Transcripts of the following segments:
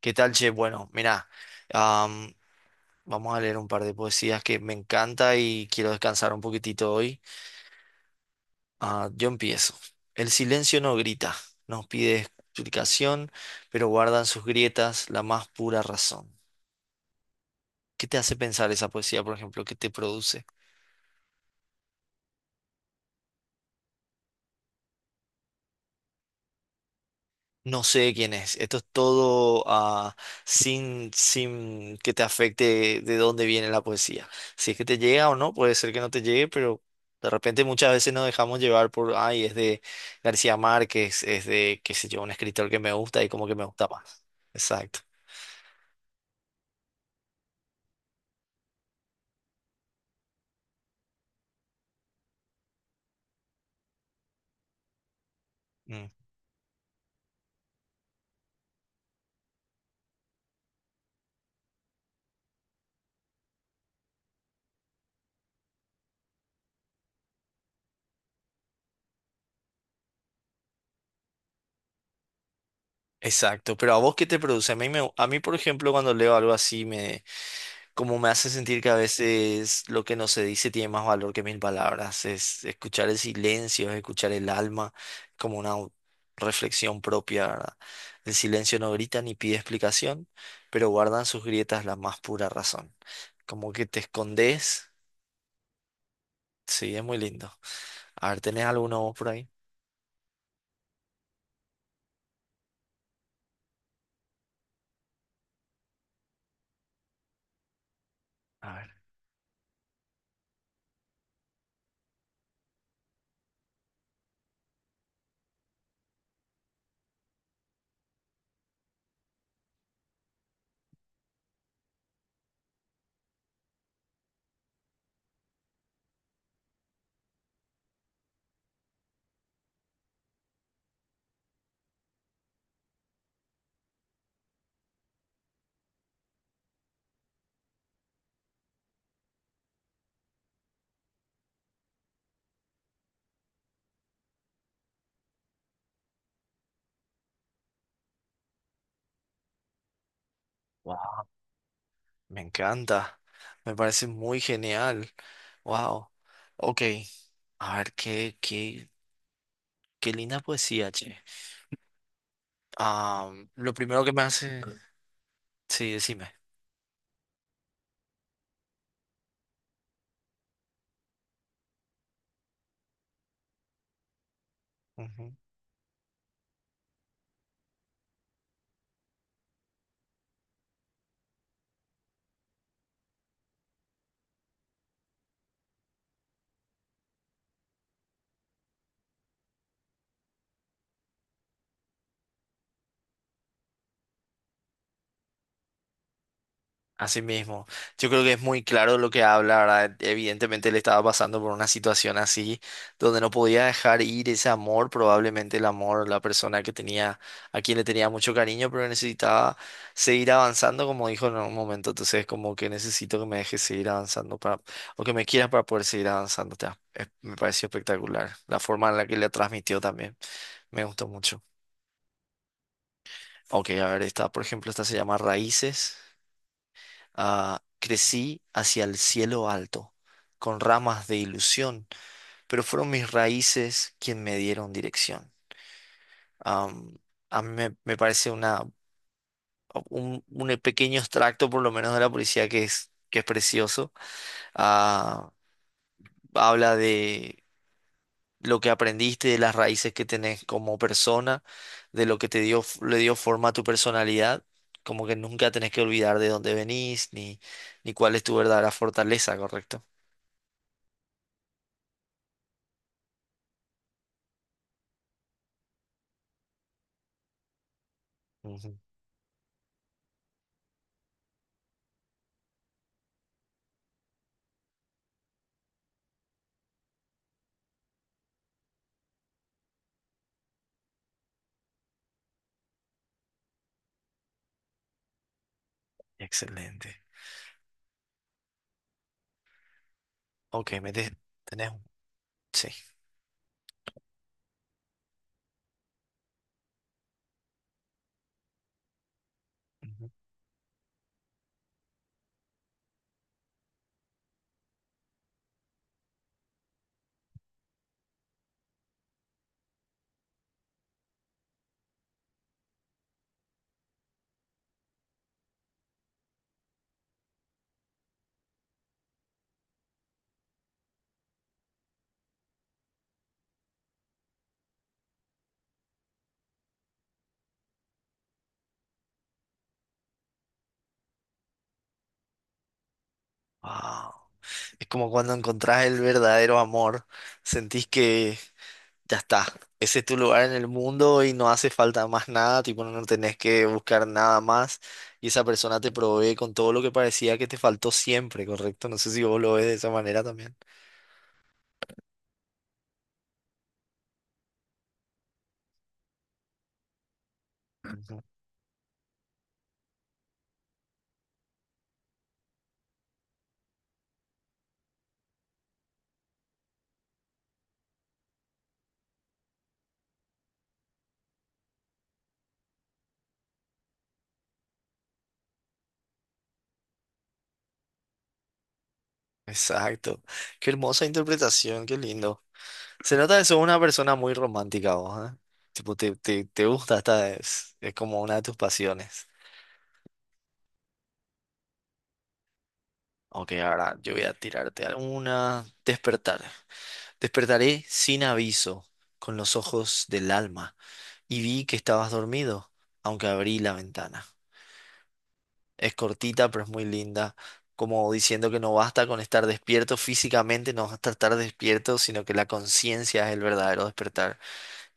¿Qué tal, che? Bueno, mirá, am, vamos a leer un par de poesías que me encanta y quiero descansar un poquitito hoy. Ah, yo empiezo. El silencio no grita, nos pide explicación, pero guardan sus grietas la más pura razón. ¿Qué te hace pensar esa poesía, por ejemplo? ¿Qué te produce? No sé quién es. Esto es todo sin que te afecte de dónde viene la poesía. Si es que te llega o no, puede ser que no te llegue, pero de repente muchas veces nos dejamos llevar por, ay, es de García Márquez, es de, qué sé yo, un escritor que me gusta y como que me gusta más. Exacto. Mm, Exacto. Pero a vos, ¿qué te produce? A mí, a mí, por ejemplo, cuando leo algo así, como me hace sentir que a veces lo que no se dice tiene más valor que mil palabras, es escuchar el silencio, es escuchar el alma, como una reflexión propia, ¿verdad? El silencio no grita ni pide explicación, pero guardan sus grietas la más pura razón. Como que te escondes, sí, es muy lindo. A ver, ¿tenés alguno vos por ahí? A ver, wow, me encanta, me parece muy genial, wow, ok, a ver, qué linda poesía, che. Ah, lo primero que me hace, sí, decime. Ujú. Así mismo. Yo creo que es muy claro lo que habla, ¿verdad? Evidentemente él estaba pasando por una situación así, donde no podía dejar ir ese amor, probablemente el amor, la persona que tenía, a quien le tenía mucho cariño, pero necesitaba seguir avanzando, como dijo en un momento. Entonces, como que necesito que me dejes seguir avanzando para, o que me quieras para poder seguir avanzando. Me pareció espectacular. La forma en la que le transmitió también. Me gustó mucho. Ok, a ver, esta, por ejemplo, esta se llama Raíces. Ah, crecí hacia el cielo alto, con ramas de ilusión, pero fueron mis raíces quien me dieron dirección. Am, a mí me parece una, un pequeño extracto, por lo menos, de la poesía que es precioso. Ah, habla de lo que aprendiste, de las raíces que tenés como persona, de lo que te dio, le dio forma a tu personalidad, como que nunca tenés que olvidar de dónde venís, ni, ni cuál es tu verdadera fortaleza, ¿correcto? Ujú. Excelente. Ok, tenés un... Sí. Ujú. Wow. Es como cuando encontrás el verdadero amor, sentís que ya está. Ese es tu lugar en el mundo y no hace falta más nada, tipo, no tenés que buscar nada más. Y esa persona te provee con todo lo que parecía que te faltó siempre, ¿correcto? No sé si vos lo ves de esa manera también. Ujú. Exacto. Qué hermosa interpretación, qué lindo. Se nota que sos una persona muy romántica vos, ¿eh? Tipo, te gusta, esta es como una de tus pasiones. Ok, ahora yo voy a tirarte alguna. Despertar. Despertaré sin aviso, con los ojos del alma y vi que estabas dormido, aunque abrí la ventana. Es cortita, pero es muy linda, como diciendo que no basta con estar despierto físicamente, no basta estar despierto, sino que la conciencia es el verdadero despertar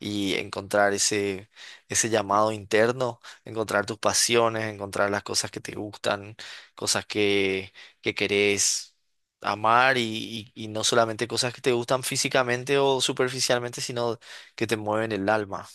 y encontrar ese llamado interno, encontrar tus pasiones, encontrar las cosas que te gustan, cosas que querés. Amar y no solamente cosas que te gustan físicamente o superficialmente, sino que te mueven el alma.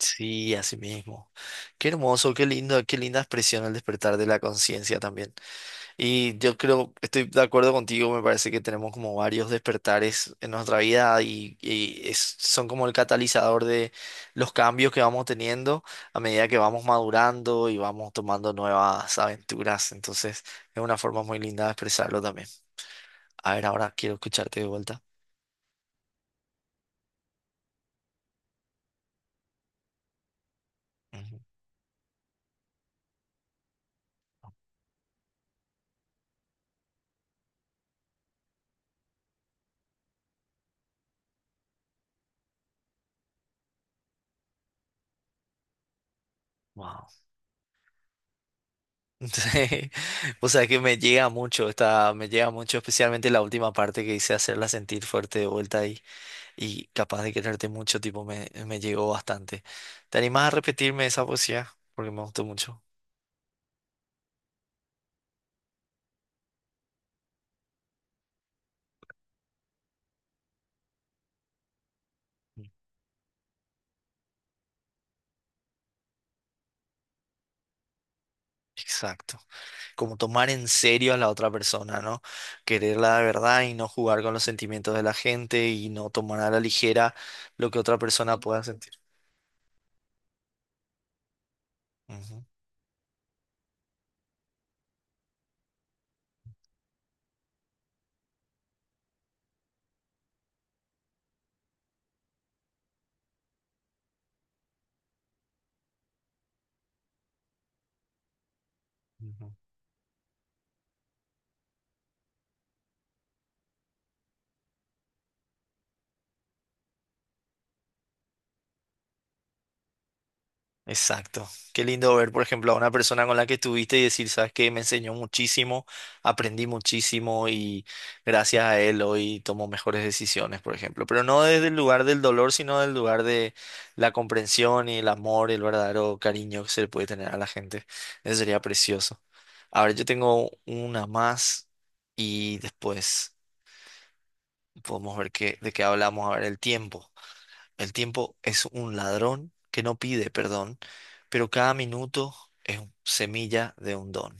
Sí, así mismo. Qué hermoso, qué lindo, qué linda expresión el despertar de la conciencia también. Y yo creo, estoy de acuerdo contigo, me parece que tenemos como varios despertares en nuestra vida y, son como el catalizador de los cambios que vamos teniendo a medida que vamos madurando y vamos tomando nuevas aventuras. Entonces, es una forma muy linda de expresarlo también. A ver, ahora quiero escucharte de vuelta. Ujú. Wow. Sí, o sea que me llega mucho, está, me llega mucho, especialmente la última parte que hice hacerla sentir fuerte de vuelta y capaz de quererte mucho, tipo, me llegó bastante. ¿Te animás a repetirme esa poesía? Porque me gustó mucho. Exacto. Como tomar en serio a la otra persona, ¿no? Quererla de verdad y no jugar con los sentimientos de la gente y no tomar a la ligera lo que otra persona pueda sentir. Ujú, ujú. Exacto. Qué lindo ver, por ejemplo, a una persona con la que estuviste y decir, sabes que me enseñó muchísimo, aprendí muchísimo y gracias a él hoy tomo mejores decisiones, por ejemplo. Pero no desde el lugar del dolor, sino del lugar de la comprensión y el amor, el verdadero cariño que se le puede tener a la gente. Eso sería precioso. A ver, yo tengo una más y después podemos ver qué, de qué hablamos. A ver, el tiempo. El tiempo es un ladrón que no pide perdón, pero cada minuto semilla de un don.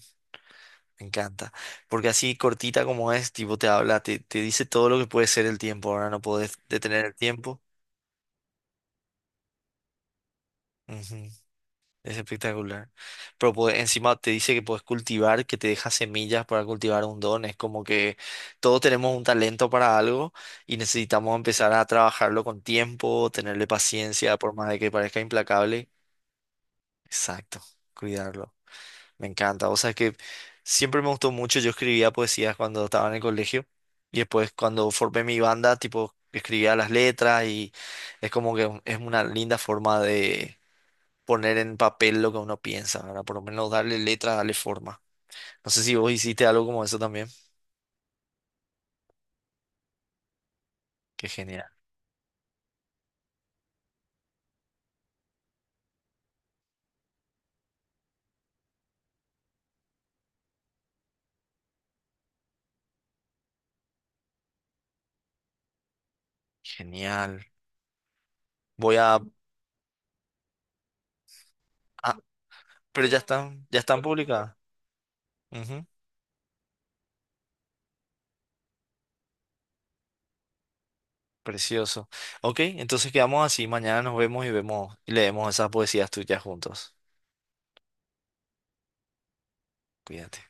Me encanta. Porque así cortita como es, tipo te habla, te dice todo lo que puede ser el tiempo. Ahora no podés detener el tiempo. Ujú, es espectacular. Pero encima te dice que puedes cultivar, que te deja semillas para cultivar un don. Es como que todos tenemos un talento para algo y necesitamos empezar a trabajarlo con tiempo, tenerle paciencia, por más de que parezca implacable. Exacto, cuidarlo. Me encanta. O sea, es que siempre me gustó mucho. Yo escribía poesías cuando estaba en el colegio y después cuando formé mi banda, tipo, escribía las letras y es como que es una linda forma de poner en papel lo que uno piensa, ¿verdad? Por lo menos darle letra, darle forma. No sé si vos hiciste algo como eso también. Qué genial. Genial. Voy a... ah, pero ya están publicadas. Ujú. Precioso. Ok, entonces quedamos así. Mañana nos vemos y vemos y leemos esas poesías tuyas juntos. Cuídate.